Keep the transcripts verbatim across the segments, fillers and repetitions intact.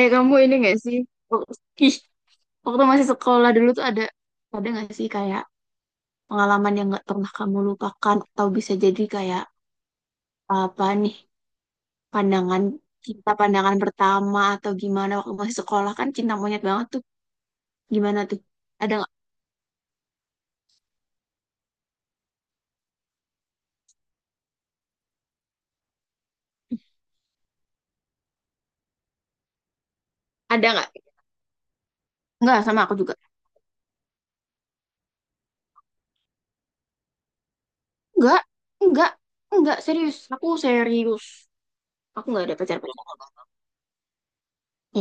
Eh kamu ini gak sih? Wak- Ih, waktu masih sekolah dulu tuh ada ada gak sih kayak pengalaman yang gak pernah kamu lupakan atau bisa jadi kayak apa nih pandangan cinta pandangan pertama atau gimana waktu masih sekolah kan cinta monyet banget tuh gimana tuh ada nggak ada nggak nggak sama aku juga nggak nggak nggak serius aku serius aku nggak ada pacar pacar.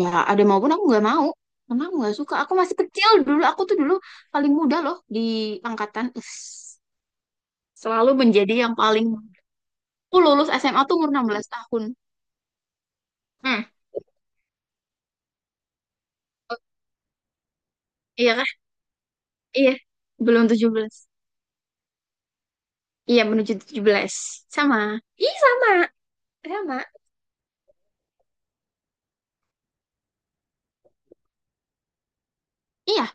Ya, ada maupun aku nggak mau. Karena aku nggak suka. Aku masih kecil dulu. Aku tuh dulu paling muda loh di angkatan. Is, Selalu menjadi yang paling muda. Aku lulus S M A tuh umur enam belas tahun. Hmm, iya kah? Iya. Belum tujuh belas. Iya, menuju tujuh belas. Sama. Ih, sama. Sama. Iya,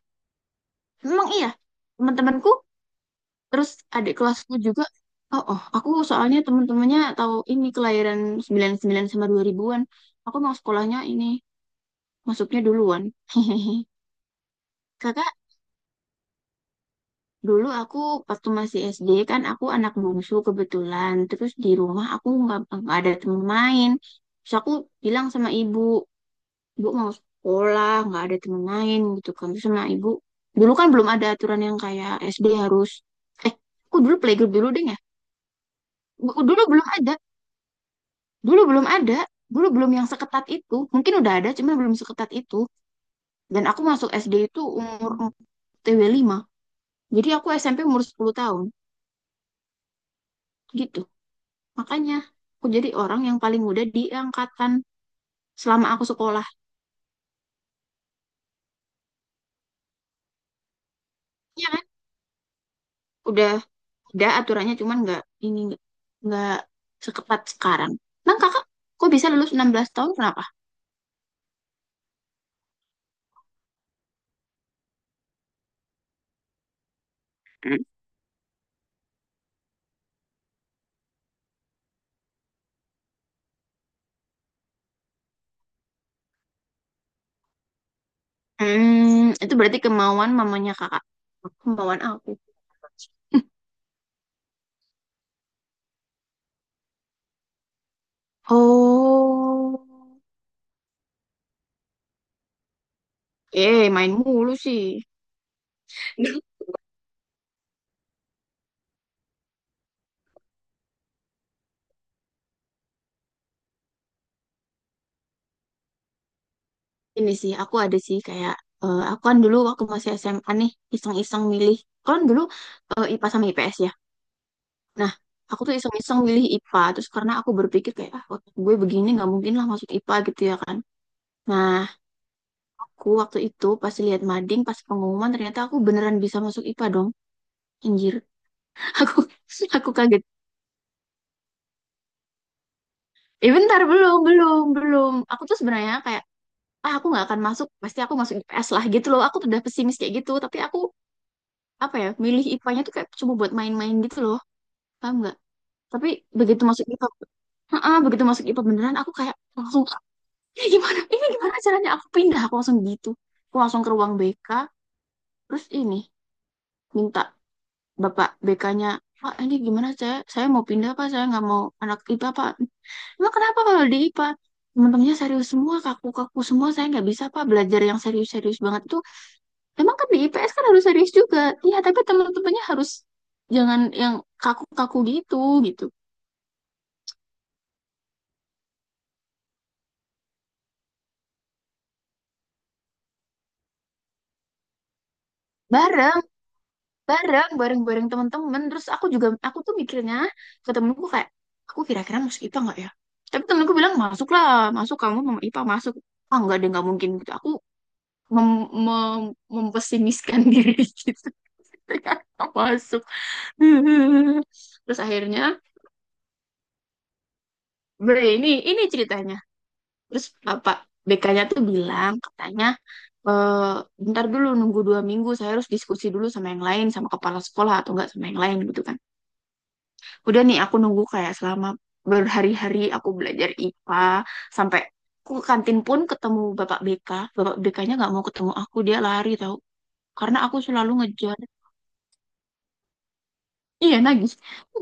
memang iya. Teman-temanku, terus adik kelasku juga. Oh, oh, aku soalnya teman-temannya tahu ini kelahiran sembilan puluh sembilan sama dua ribuan-an. Aku mau sekolahnya ini, masuknya duluan. Kakak, dulu aku waktu masih S D kan aku anak bungsu kebetulan. Terus di rumah aku nggak nggak ada temen main. Terus aku bilang sama ibu, ibu mau sekolah, nggak ada temen main gitu kan. Terus sama ibu, dulu kan belum ada aturan yang kayak S D harus, eh, aku dulu playgroup dulu deh ya. Bu- Dulu belum ada, dulu belum ada, dulu belum yang seketat itu. Mungkin udah ada, cuman belum seketat itu. Dan aku masuk S D itu umur T W lima. Jadi aku S M P umur sepuluh tahun, gitu. Makanya aku jadi orang yang paling muda di angkatan selama aku sekolah. Iya kan? Udah ada aturannya, cuman nggak ini nggak nggak seketat sekarang. Nah kakak, kok bisa lulus enam belas tahun kenapa? Hmm, itu berarti kemauan mamanya kakak. Kemauan aku. Oh, eh main mulu sih. Ini sih aku ada sih kayak eh, aku kan dulu waktu masih S M A nih iseng-iseng milih. Kan dulu eh, I P A sama I P S ya. Nah, aku tuh iseng-iseng milih I P A. Terus karena aku berpikir kayak, ah otak gue begini nggak mungkin lah masuk I P A gitu ya kan. Nah, aku waktu itu pas lihat mading, pas pengumuman ternyata aku beneran bisa masuk I P A dong. Anjir, aku aku kaget. Eh bentar, belum, belum, belum. Aku tuh sebenarnya kayak, ah aku nggak akan masuk, pasti aku masuk I P S lah gitu loh. Aku tuh udah pesimis kayak gitu. Tapi aku, apa ya, milih I P A-nya tuh kayak cuma buat main-main gitu loh. Paham nggak? Tapi begitu masuk I P A, heeh, begitu masuk I P A beneran aku kayak langsung ini gimana ini gimana caranya aku pindah aku langsung gitu aku langsung ke ruang B K, terus ini minta bapak B K-nya, Pak ini gimana saya saya mau pindah Pak, saya nggak mau anak I P A Pak, emang kenapa kalau di I P A teman-temannya serius semua kaku-kaku semua, saya nggak bisa Pak belajar yang serius-serius banget tuh, emang kan di I P S kan harus serius juga, iya tapi teman-temannya harus jangan yang kaku-kaku gitu gitu. Bareng bareng bareng bareng teman-teman, terus aku juga aku tuh mikirnya ke temenku kayak aku kira-kira masuk I P A nggak ya, tapi temenku bilang masuklah masuk, kamu mau I P A masuk, ah nggak deh nggak mungkin gitu aku mem mem- mempesimiskan diri gitu. Kayak, "Nggak masuk." Terus akhirnya ber ini ini ceritanya. Terus bapak B K-nya tuh bilang katanya, "Eh, bentar dulu nunggu dua minggu, saya harus diskusi dulu sama yang lain, sama kepala sekolah atau enggak sama yang lain gitu kan." Udah nih aku nunggu kayak selama berhari-hari, aku belajar I P A sampai aku ke kantin pun ketemu Bapak B K. Bapak B K-nya nggak mau ketemu aku, dia lari tahu. Karena aku selalu ngejar. Iya, nagih.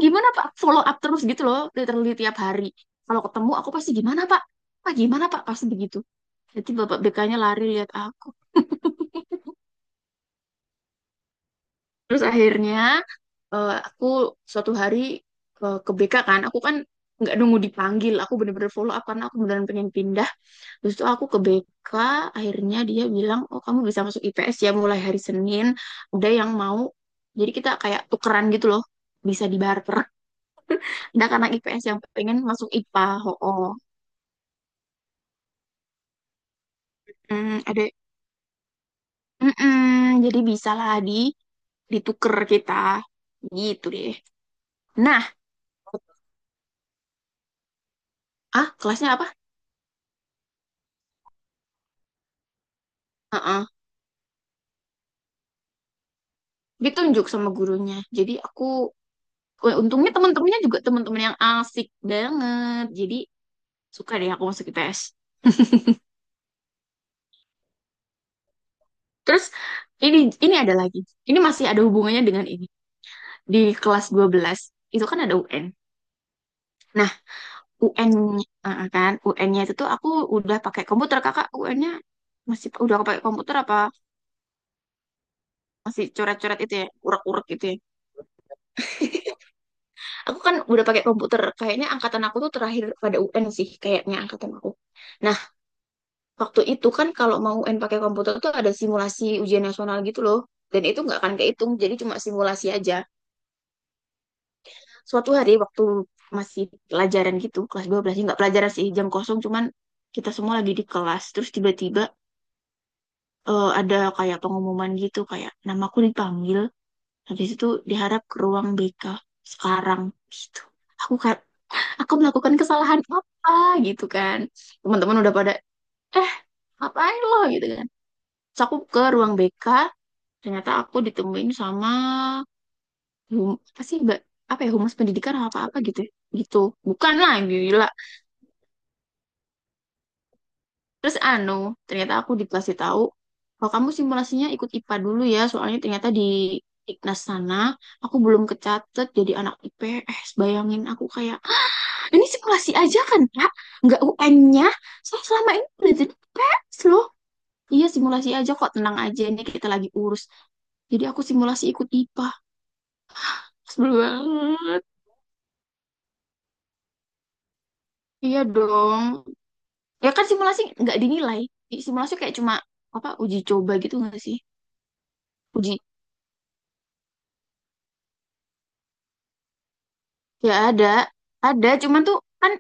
Gimana Pak? Follow up terus gitu loh, literally tiap hari. Kalau ketemu aku pasti gimana Pak? Pak gimana Pak? Pasti begitu. Jadi Bapak B K-nya lari lihat aku. Terus akhirnya eh, aku suatu hari ke, ke B K kan, aku kan nggak nunggu dipanggil, aku bener-bener follow up karena aku beneran pengen pindah. Terus tuh aku ke B K, akhirnya dia bilang, oh kamu bisa masuk I P S ya mulai hari Senin, udah yang mau. Jadi kita kayak tukeran gitu loh, bisa dibarter. Ada anak I P S yang pengen masuk I P A, oh, oh. Hmm, ada. Mm-mm, jadi bisa lah di dituker kita, gitu deh. Nah, ah kelasnya apa? Heeh. Ditunjuk sama gurunya. Jadi aku, eh, untungnya teman-temannya juga teman-teman yang asik banget. Jadi suka deh aku masuk I P S. Terus ini ini ada lagi. Ini masih ada hubungannya dengan ini. Di kelas dua belas itu kan ada U N. Nah, U N eh, kan U N-nya itu tuh aku udah pakai komputer. Kakak U N-nya masih udah pakai komputer apa masih coret-coret itu ya, urek-urek gitu ya. Aku kan udah pakai komputer. Kayaknya angkatan aku tuh terakhir pada U N sih, kayaknya angkatan aku. Nah, waktu itu kan kalau mau U N pakai komputer tuh ada simulasi ujian nasional gitu loh. Dan itu nggak akan kehitung, jadi cuma simulasi aja. Suatu hari waktu masih pelajaran gitu kelas dua belas, nggak pelajaran sih jam kosong cuman kita semua lagi di kelas, terus tiba-tiba eh, ada kayak pengumuman gitu kayak namaku dipanggil, habis itu diharap ke ruang B K sekarang gitu, aku kayak aku melakukan kesalahan apa gitu kan, teman-teman udah pada eh ngapain lo gitu kan. Terus aku ke ruang B K ternyata aku ditemuin sama, hum, apa sih mbak, apa ya humas pendidikan apa apa gitu ya. Gitu bukan lah gila. Terus anu, ternyata aku dikasih tahu kalau kamu simulasinya ikut I P A dulu ya, soalnya ternyata di Iknas sana aku belum kecatet jadi anak I P S. Bayangin aku kayak, "Ah, ini simulasi aja kan, Kak? Nggak U N-nya. Saya selama ini udah jadi I P S loh. Iya, simulasi aja kok, tenang aja ini kita lagi urus." Jadi aku simulasi ikut I P A. Sebel banget. Iya dong. Ya kan simulasi nggak dinilai. Simulasi kayak cuma apa uji coba gitu nggak sih? Uji Ya ada, ada. Cuman tuh kan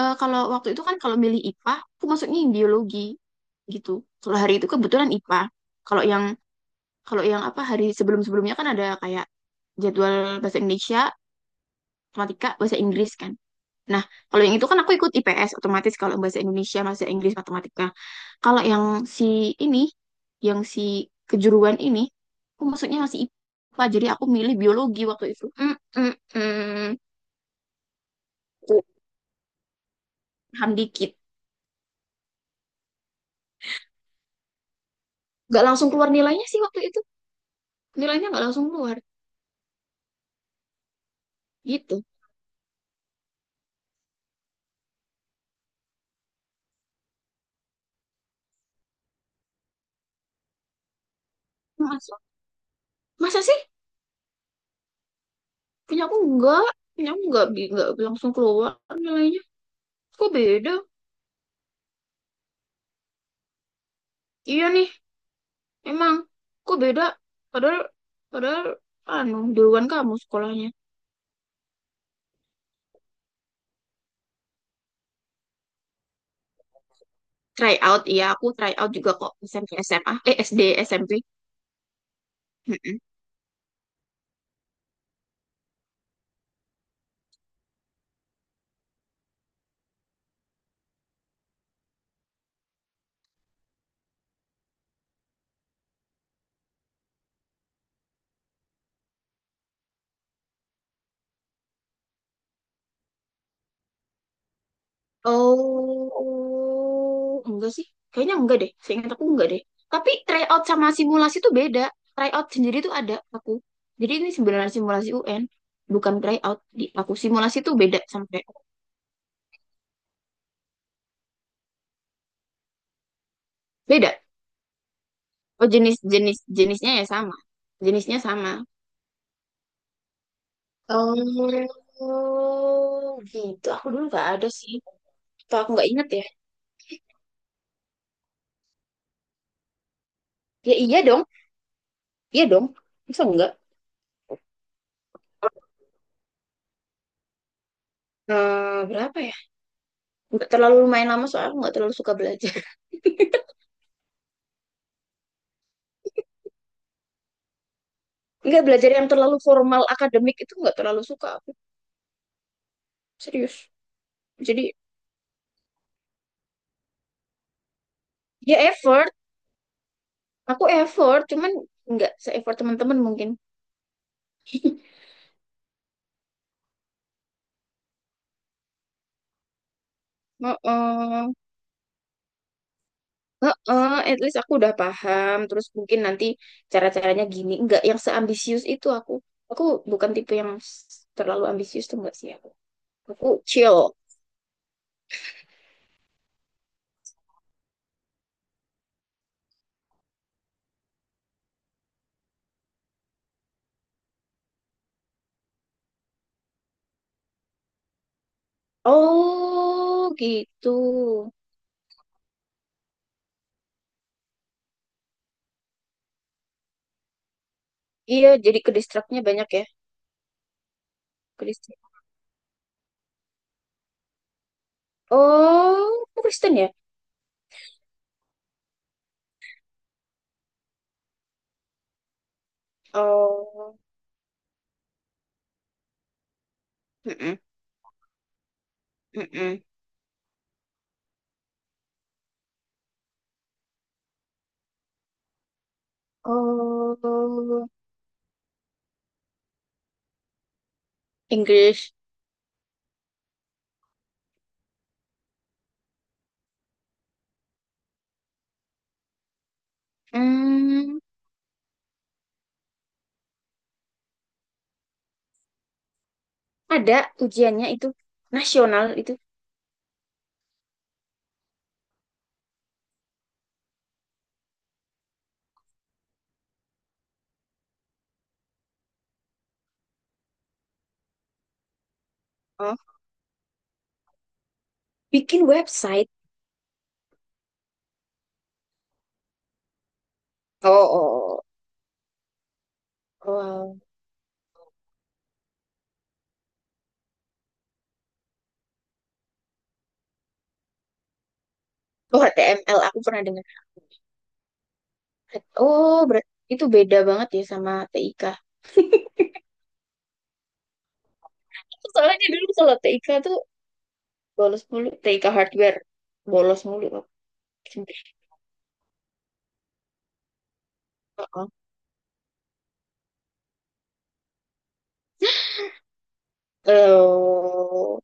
eh, kalau waktu itu kan kalau milih I P A, aku masuknya yang biologi gitu. Kalau hari itu kebetulan I P A. Kalau yang kalau yang apa hari sebelum-sebelumnya kan ada kayak jadwal bahasa Indonesia, matematika, bahasa Inggris kan. Nah, kalau yang itu kan aku ikut I P S otomatis kalau bahasa Indonesia, bahasa Inggris, matematika. Kalau yang si ini, yang si kejuruan ini, aku masuknya masih I P A. Jadi aku milih biologi waktu itu. Mm, mm, mm. Paham dikit. Nggak langsung keluar nilainya sih waktu itu, nilainya nggak langsung keluar gitu. Masa masa sih, punya aku nggak punya aku nggak bi- nggak langsung keluar nilainya. Kok beda. Iya nih, emang kok beda, padahal padahal anu duluan kamu sekolahnya. Try out, iya aku try out juga kok SMP SMA eh SD SMP. Oh, enggak sih. Kayaknya enggak deh. Seingat aku enggak deh. Tapi tryout sama simulasi itu beda. Tryout sendiri tuh ada aku. Jadi ini sebenarnya simulasi U N, bukan tryout di aku. Simulasi tuh beda sama tryout. Beda. Oh, jenis jenis jenisnya ya sama. Jenisnya sama. Oh, gitu. Aku dulu nggak ada sih. Atau aku nggak inget ya. Ya iya dong. Iya dong. Masa enggak? Eh, berapa ya? Nggak terlalu lumayan lama soalnya aku nggak terlalu suka belajar. Nggak belajar yang terlalu formal akademik itu nggak terlalu suka aku. Serius, jadi ya effort, aku effort cuman nggak se-effort teman-teman mungkin. Heeh. Heeh, at least aku udah paham terus mungkin nanti cara-caranya gini, nggak yang seambisius itu aku. Aku bukan tipe yang s- terlalu ambisius tuh nggak sih aku. Aku chill. Oh gitu. Iya, jadi ke distractnya banyak ya. Ke distract. Oh, aku Kristen ya. Oh, mm-mm, mm-mm. Oh, English. Hmm, ada ujiannya itu nasional itu. Oh, bikin website. Oh, oh, oh. Oh, H T M L aku pernah dengar. Oh, berarti itu beda banget ya sama T I K. Soalnya dulu kalau T I K tuh bolos mulu, T I K hardware bolos mulu. Oh. Oh,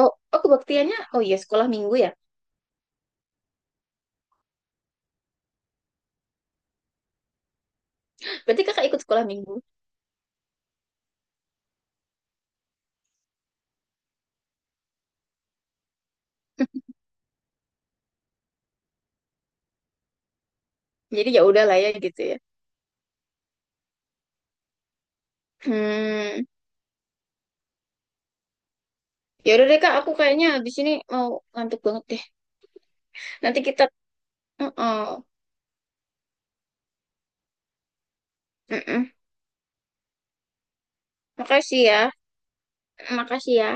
oh, oh kebaktiannya, oh iya sekolah minggu ya. Berarti kakak ikut sekolah minggu. Jadi ya udah lah ya gitu ya. Hmm. Ya udah deh Kak, aku kayaknya habis ini mau ngantuk banget deh. Nanti kita, oh, Makasih ya, makasih ya.